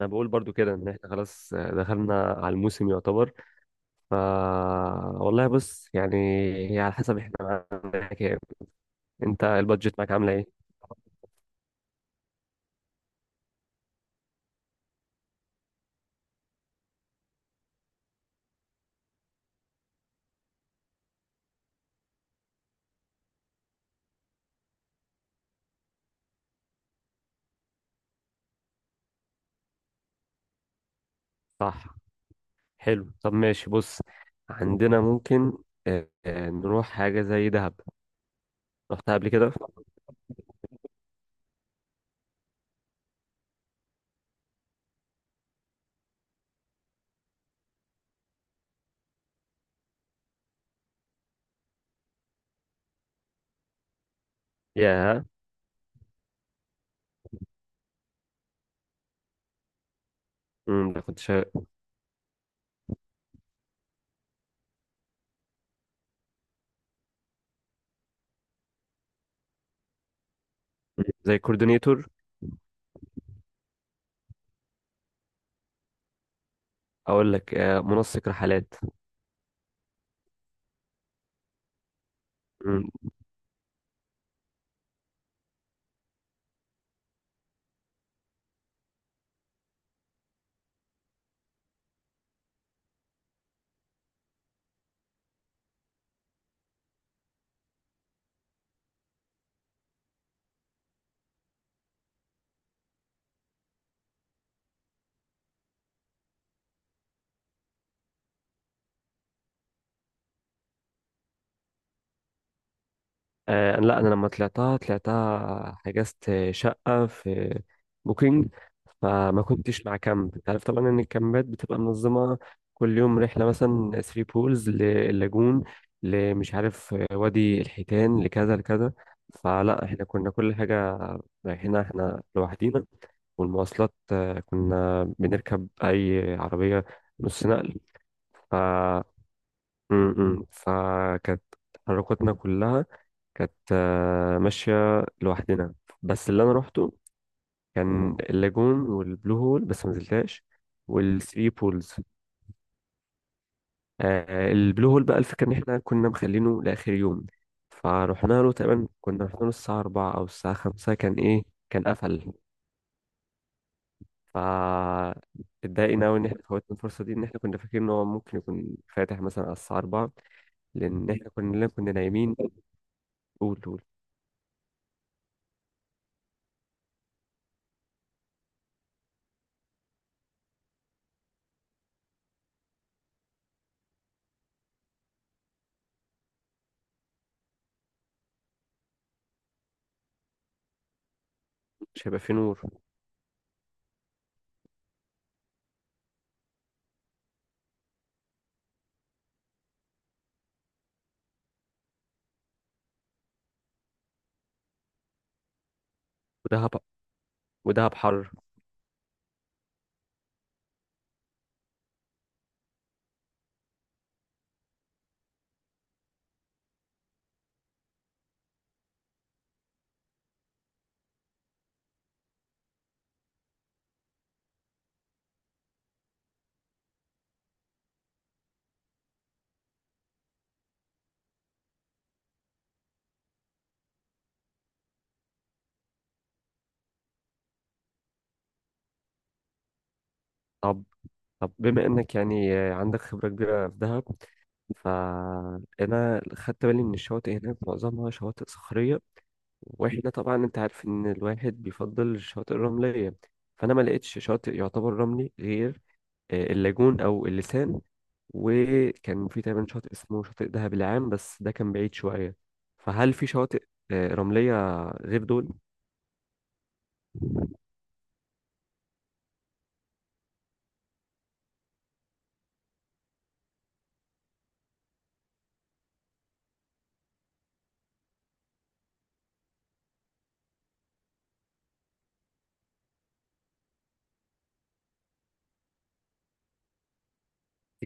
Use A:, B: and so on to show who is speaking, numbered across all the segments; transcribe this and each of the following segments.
A: انا بقول برضو كده ان احنا خلاص دخلنا على الموسم يعتبر. ف والله بص يعني، هي على حسب احنا معانا كام. انت البادجت معاك عامله ايه؟ صح. حلو، طب ماشي، بص عندنا ممكن، نروح حاجه زي دهب. رحتها قبل كده. يا أمم، ده كنت زي كوردينيتور. اقول لك منسق رحلات. آه لا، انا لما طلعتها طلعتها حجزت شقه في بوكينج. فما كنتش مع كامب، انت عارف طبعا ان الكامبات بتبقى منظمه، كل يوم رحله، مثلا ثري بولز للاجون، لمش عارف وادي الحيتان لكذا لكذا. فلا احنا كنا كل حاجه رايحينها احنا لوحدينا، والمواصلات كنا بنركب اي عربيه نص نقل. ف م- م. فكانت تحركاتنا كلها كانت ماشية لوحدنا. بس اللي أنا روحته كان اللاجون والبلو هول، بس ما نزلتهاش، والثري بولز. البلو هول بقى، الفكرة إن إحنا كنا مخلينه لآخر يوم، فروحنا له تقريبا، كنا رحنا له الساعة 4 أو الساعة 5، كان إيه، كان قفل. فا اتضايقنا أوي إن إحنا فوتنا الفرصة دي، إن إحنا كنا فاكرين إن هو ممكن يكون فاتح مثلا على الساعة 4، لأن إحنا كنا نايمين. قول قول. مش هيبقى فيه نور. ودهب ودهب حر. طب طب بما انك يعني عندك خبرة كبيرة في دهب، فانا خدت بالي ان الشواطئ هناك معظمها شواطئ صخرية، واحنا طبعا انت عارف ان الواحد بيفضل الشواطئ الرملية، فانا ما لقيتش شاطئ يعتبر رملي غير اللاجون او اللسان. وكان في تقريبا شاطئ اسمه شاطئ دهب العام، بس ده كان بعيد شوية. فهل في شواطئ رملية غير دول؟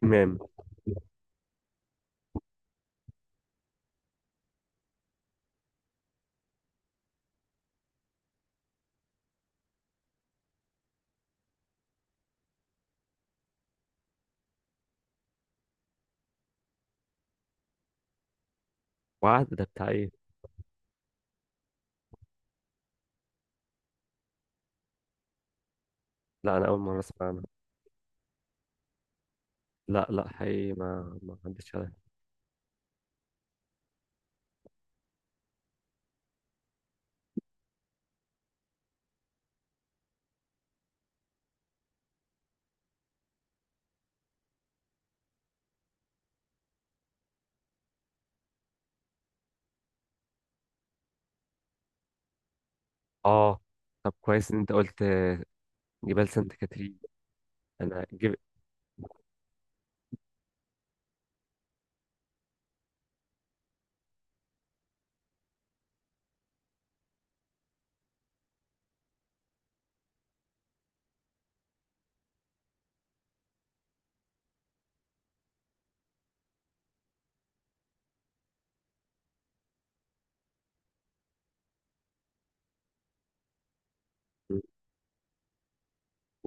A: تمام. وعد ده بتاع ايه؟ لا، انا اول مرة اسمع عنها. لا لا، حقيقي ما عدتش. اه. طب كويس ان انت قلت جبال سانت كاترين. انا جب...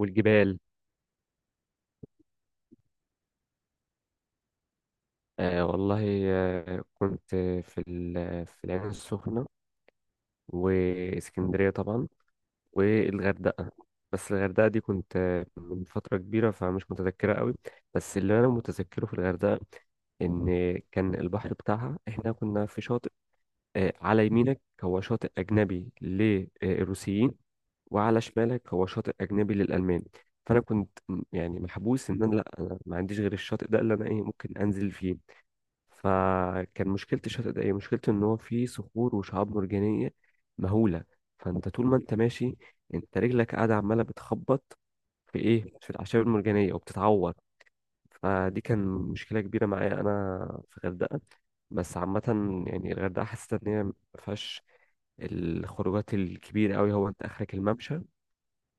A: والجبال. آه والله، كنت في العين السخنة، واسكندرية طبعا، والغردقة. بس الغردقة دي كنت من فترة كبيرة، فمش متذكرة قوي. بس اللي انا متذكره في الغردقة ان كان البحر بتاعها، احنا كنا في شاطئ على يمينك هو شاطئ أجنبي للروسيين، وعلى شمالك هو شاطئ أجنبي للألمان. فأنا كنت يعني محبوس، إن أنا لأ أنا ما عنديش غير الشاطئ ده اللي أنا إيه ممكن أنزل فيه. فكان مشكلة الشاطئ ده، إيه مشكلته؟ إن هو فيه صخور وشعاب مرجانية مهولة. فأنت طول ما أنت ماشي، أنت رجلك قاعدة عمالة بتخبط في إيه، في الأعشاب المرجانية وبتتعور. فدي كان مشكلة كبيرة معايا أنا في الغردقة. بس عامة يعني الغردقة حسيت إن هي ما فيهاش الخروجات الكبيرة قوي، هو انت اخرك الممشى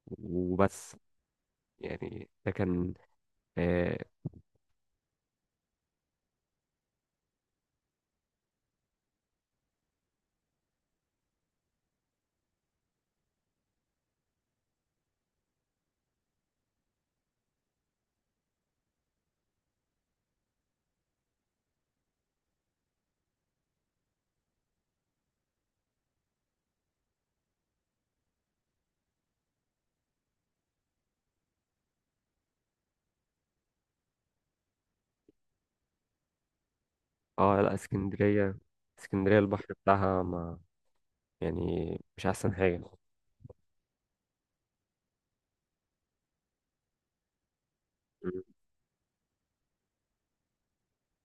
A: وبس. يعني ده كان. اه. لا، اسكندرية، اسكندرية البحر بتاعها ما، يعني مش احسن حاجة. مم.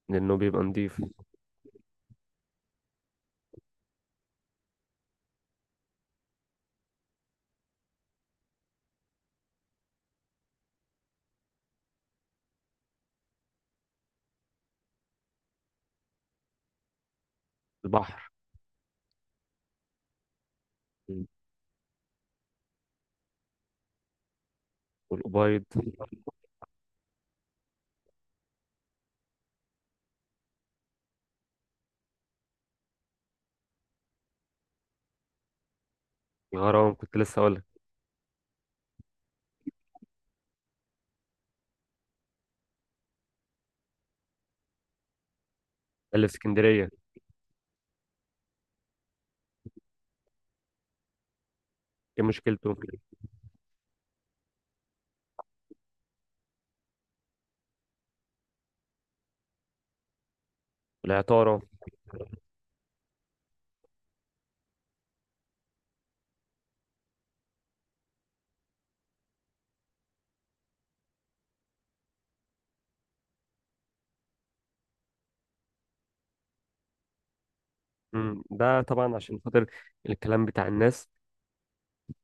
A: لانه بيبقى نضيف. البحر. مم. والأبيض. الغرام كنت لسه اقول لك. اللي في اسكندرية. ايه مشكلته؟ العطارة. ده طبعا عشان خاطر الكلام بتاع الناس،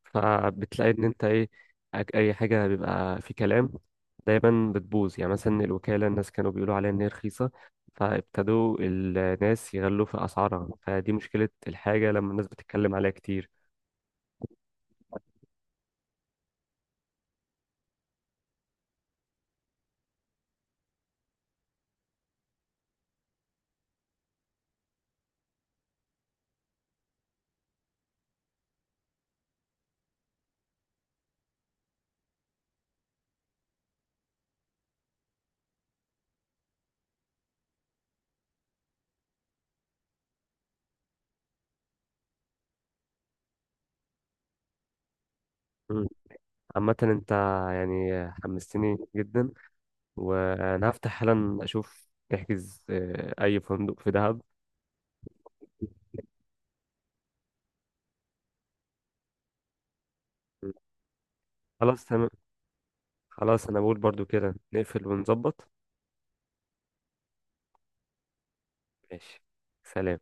A: فبتلاقي ان انت ايه، اي حاجه بيبقى في كلام دايما بتبوظ. يعني مثلا الوكاله، الناس كانوا بيقولوا عليها ان هي رخيصه، فابتدوا الناس يغلوا في اسعارها، فدي مشكله الحاجه لما الناس بتتكلم عليها كتير. مم. عامه انت يعني حمستني جدا، وانا هفتح حالا اشوف نحجز اي فندق في دهب. مم. خلاص تمام. خلاص انا بقول برضو كده نقفل ونظبط. ماشي. سلام.